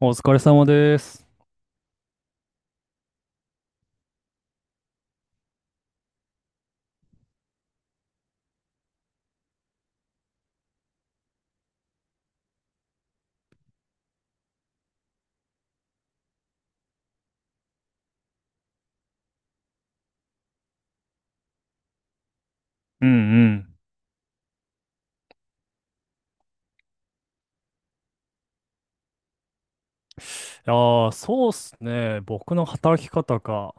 お疲れ様です。うんうん。いやそうっすね。僕の働き方か。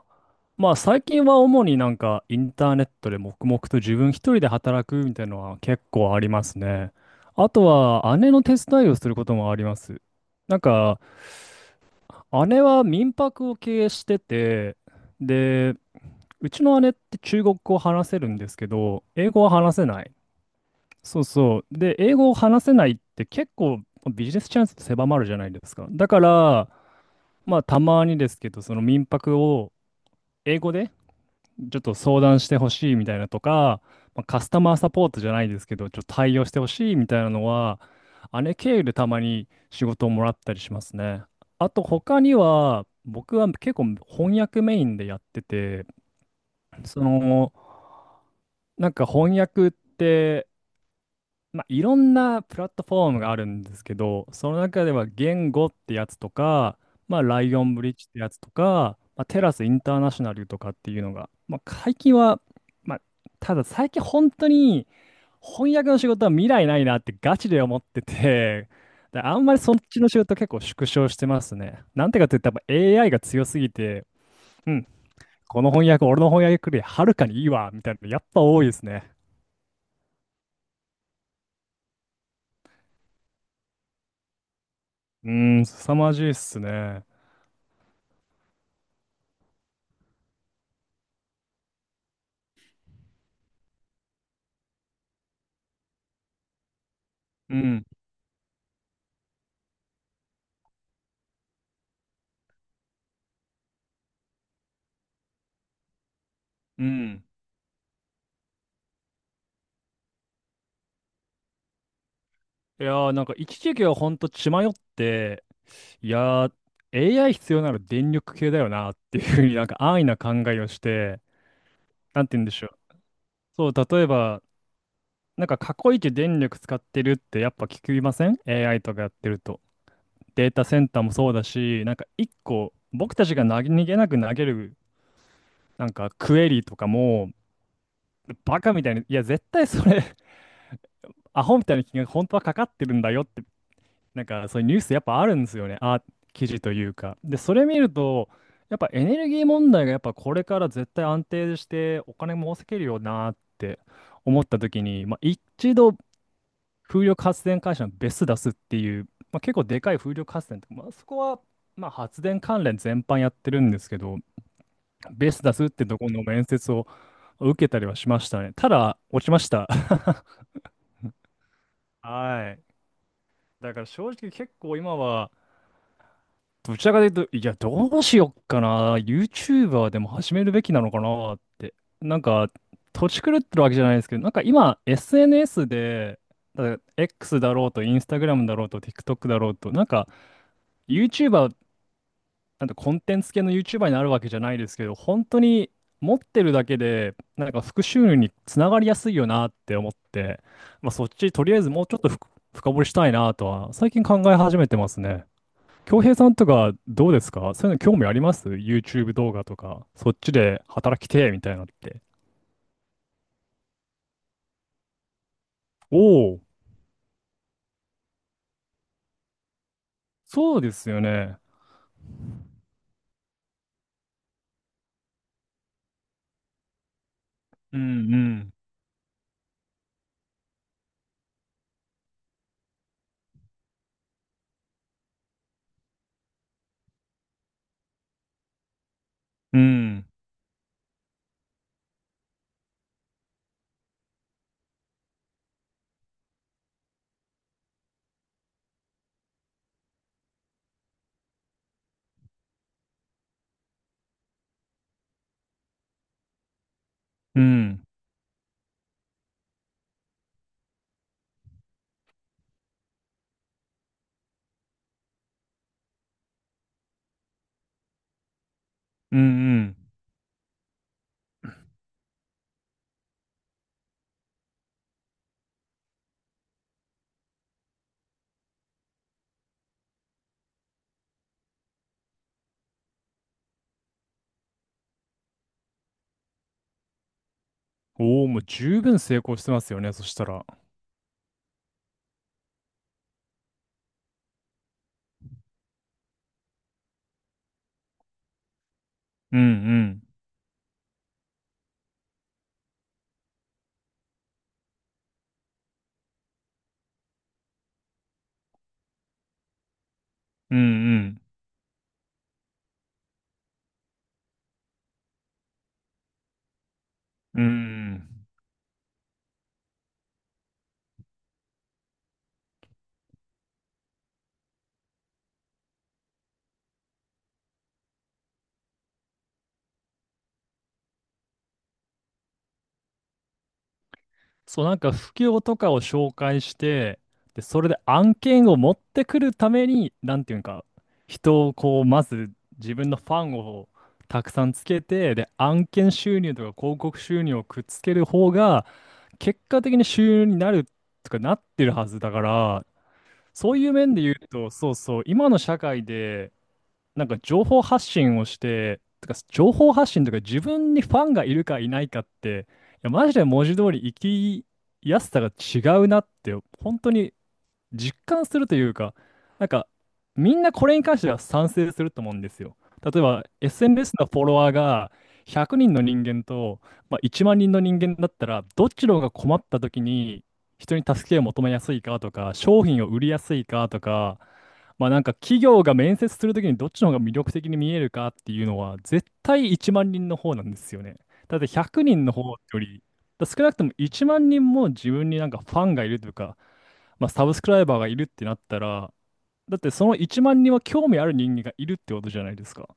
まあ最近は主にインターネットで黙々と自分一人で働くみたいなのは結構ありますね。あとは姉の手伝いをすることもあります。なんか姉は民泊を経営してて、で、うちの姉って中国語を話せるんですけど、英語は話せない。そうそう。で、英語を話せないって結構ビジネスチャンスって狭まるじゃないですか。だから、まあたまにですけど、その民泊を英語でちょっと相談してほしいみたいなとか、まあ、カスタマーサポートじゃないですけど、ちょっと対応してほしいみたいなのは、姉経由でたまに仕事をもらったりしますね。あと他には、僕は結構翻訳メインでやってて、その、翻訳って、まあ、いろんなプラットフォームがあるんですけど、その中では言語ってやつとか、まあ、ライオンブリッジってやつとか、まあ、テラスインターナショナルとかっていうのが、まあ、最近は、まあ、ただ最近本当に翻訳の仕事は未来ないなってガチで思ってて、であんまりそっちの仕事結構縮小してますね。なんてかって言ったらやっぱ AI が強すぎて、うん、この翻訳、俺の翻訳よりはるかにいいわ、みたいなのやっぱ多いですね。うーん、凄まじいっすね。うん。うん。いやー、一時期はほんと血迷って、いやー、AI 必要なら電力系だよなっていうふうに安易な考えをして、なんて言うんでしょう。そう、例えば、過去一電力使ってるってやっぱ聞きません？ AI とかやってると。データセンターもそうだし、一個、僕たちが投げ逃げなく投げる、クエリとかも、バカみたいに、いや、絶対それ、アホみたいな金額本当はかかってるんだよってそういうニュースやっぱあるんですよね。あ、記事というか。で、それ見ると、やっぱエネルギー問題がやっぱこれから絶対安定してお金も稼げるよなって思った時に、まあ、一度風力発電会社のベス出すっていう、まあ、結構でかい風力発電とか、まあ、そこはまあ発電関連全般やってるんですけど、ベス出すってとこの面接を受けたりはしましたね。ただ、落ちました。はい。だから正直結構今は、どちらかというと、いや、どうしよっかな。YouTuber でも始めるべきなのかなって。なんか、土地狂ってるわけじゃないですけど、今、SNS で、だから X だろうと、Instagram だろうと、TikTok だろうと、なんか、YouTuber、コンテンツ系の YouTuber になるわけじゃないですけど、本当に持ってるだけで、副収入につながりやすいよなって思って、まあ、そっち、とりあえずもうちょっと深掘りしたいなとは、最近考え始めてますね。京平さんとかどうですかそういうの興味あります？ YouTube 動画とか、そっちで働きてえみたいなのって。おお、そうですよね。うんうん。うんうんうんうん。おお、もう十分成功してますよね。そしたら。うんうん。うんうん。うんうん。そう、不況とかを紹介して、で、それで案件を持ってくるために、なんていうんか、人をこう、まず自分のファンをたくさんつけて、で、案件収入とか広告収入をくっつける方が、結果的に収入になるとかなってるはずだから、そういう面で言うと、そうそう、今の社会で、情報発信をして、てか情報発信とか自分にファンがいるかいないかって、いや、マジで文字通り生きやすさが違うなって、本当に実感するというか、なんか、みんなこれに関しては賛成すると思うんですよ。例えば、SNS のフォロワーが100人の人間と、まあ、1万人の人間だったら、どっちの方が困った時に人に助けを求めやすいかとか、商品を売りやすいかとか、まあ企業が面接するときにどっちの方が魅力的に見えるかっていうのは絶対1万人の方なんですよね。だって100人の方よりだから少なくとも1万人も自分にファンがいるというかまあ、サブスクライバーがいるってなったら、だってその1万人は興味ある人間がいるってことじゃないですか。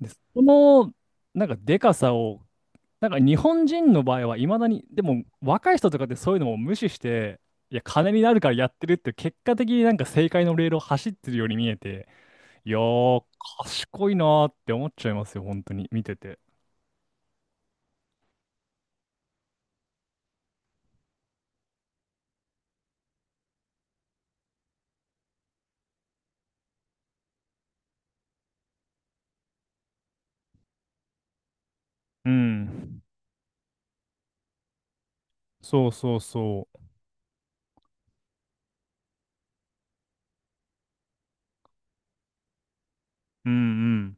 で、その、でかさを、日本人の場合はいまだに、でも若い人とかってそういうのも無視して、いや、金になるからやってるって結果的に正解のレールを走ってるように見えて、いやー、賢いなーって思っちゃいますよ、本当に、見てて。うん。そうそうそう。うんうん。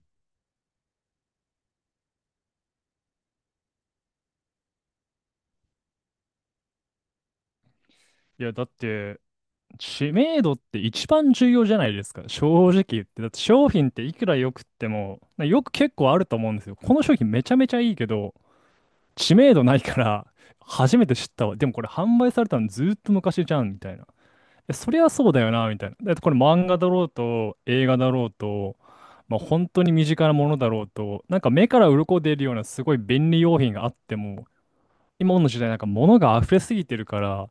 いや、だって、知名度って一番重要じゃないですか。正直言って。だって商品っていくら良くっても、よく結構あると思うんですよ。この商品めちゃめちゃいいけど、知名度ないから、初めて知ったわ。でもこれ販売されたのずーっと昔じゃん、みたいな。えそりゃそうだよな、みたいな。だってこれ漫画だろうと、映画だろうと、まあ、本当に身近なものだろうと、目から鱗出るようなすごい便利用品があっても、今の時代物が溢れすぎてるから、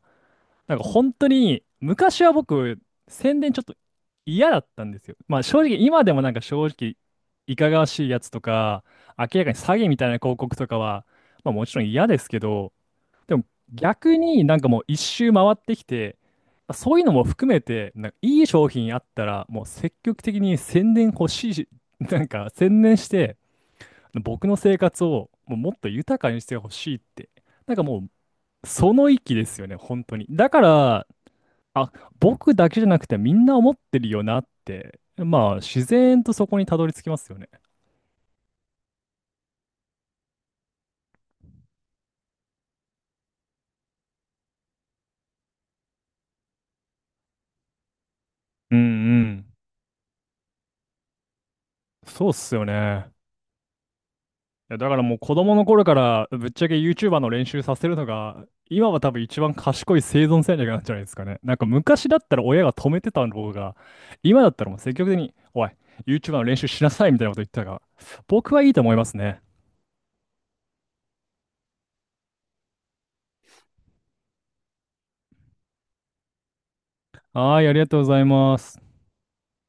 本当に昔は僕、宣伝ちょっと嫌だったんですよ。まあ正直今でも正直いかがわしいやつとか、明らかに詐欺みたいな広告とかは、まあもちろん嫌ですけど、でも逆にもう一周回ってきて、そういうのも含めて、いい商品あったら、もう積極的に宣伝欲しいし、宣伝して、僕の生活をもうもっと豊かにしてほしいって、なんかもうその域ですよね、本当に。だから、あ、僕だけじゃなくてみんな思ってるよなって、まあ自然とそこにたどり着きますよね。うんうん。そうっすよね。いや、だからもう子供の頃からぶっちゃけ YouTuber の練習させるのが、今は多分一番賢い生存戦略なんじゃないですかね。昔だったら親が止めてたのが、今だったらもう積極的に、おい、YouTuber の練習しなさいみたいなこと言ってたが、僕はいいと思いますね。はい、ありがとうございます。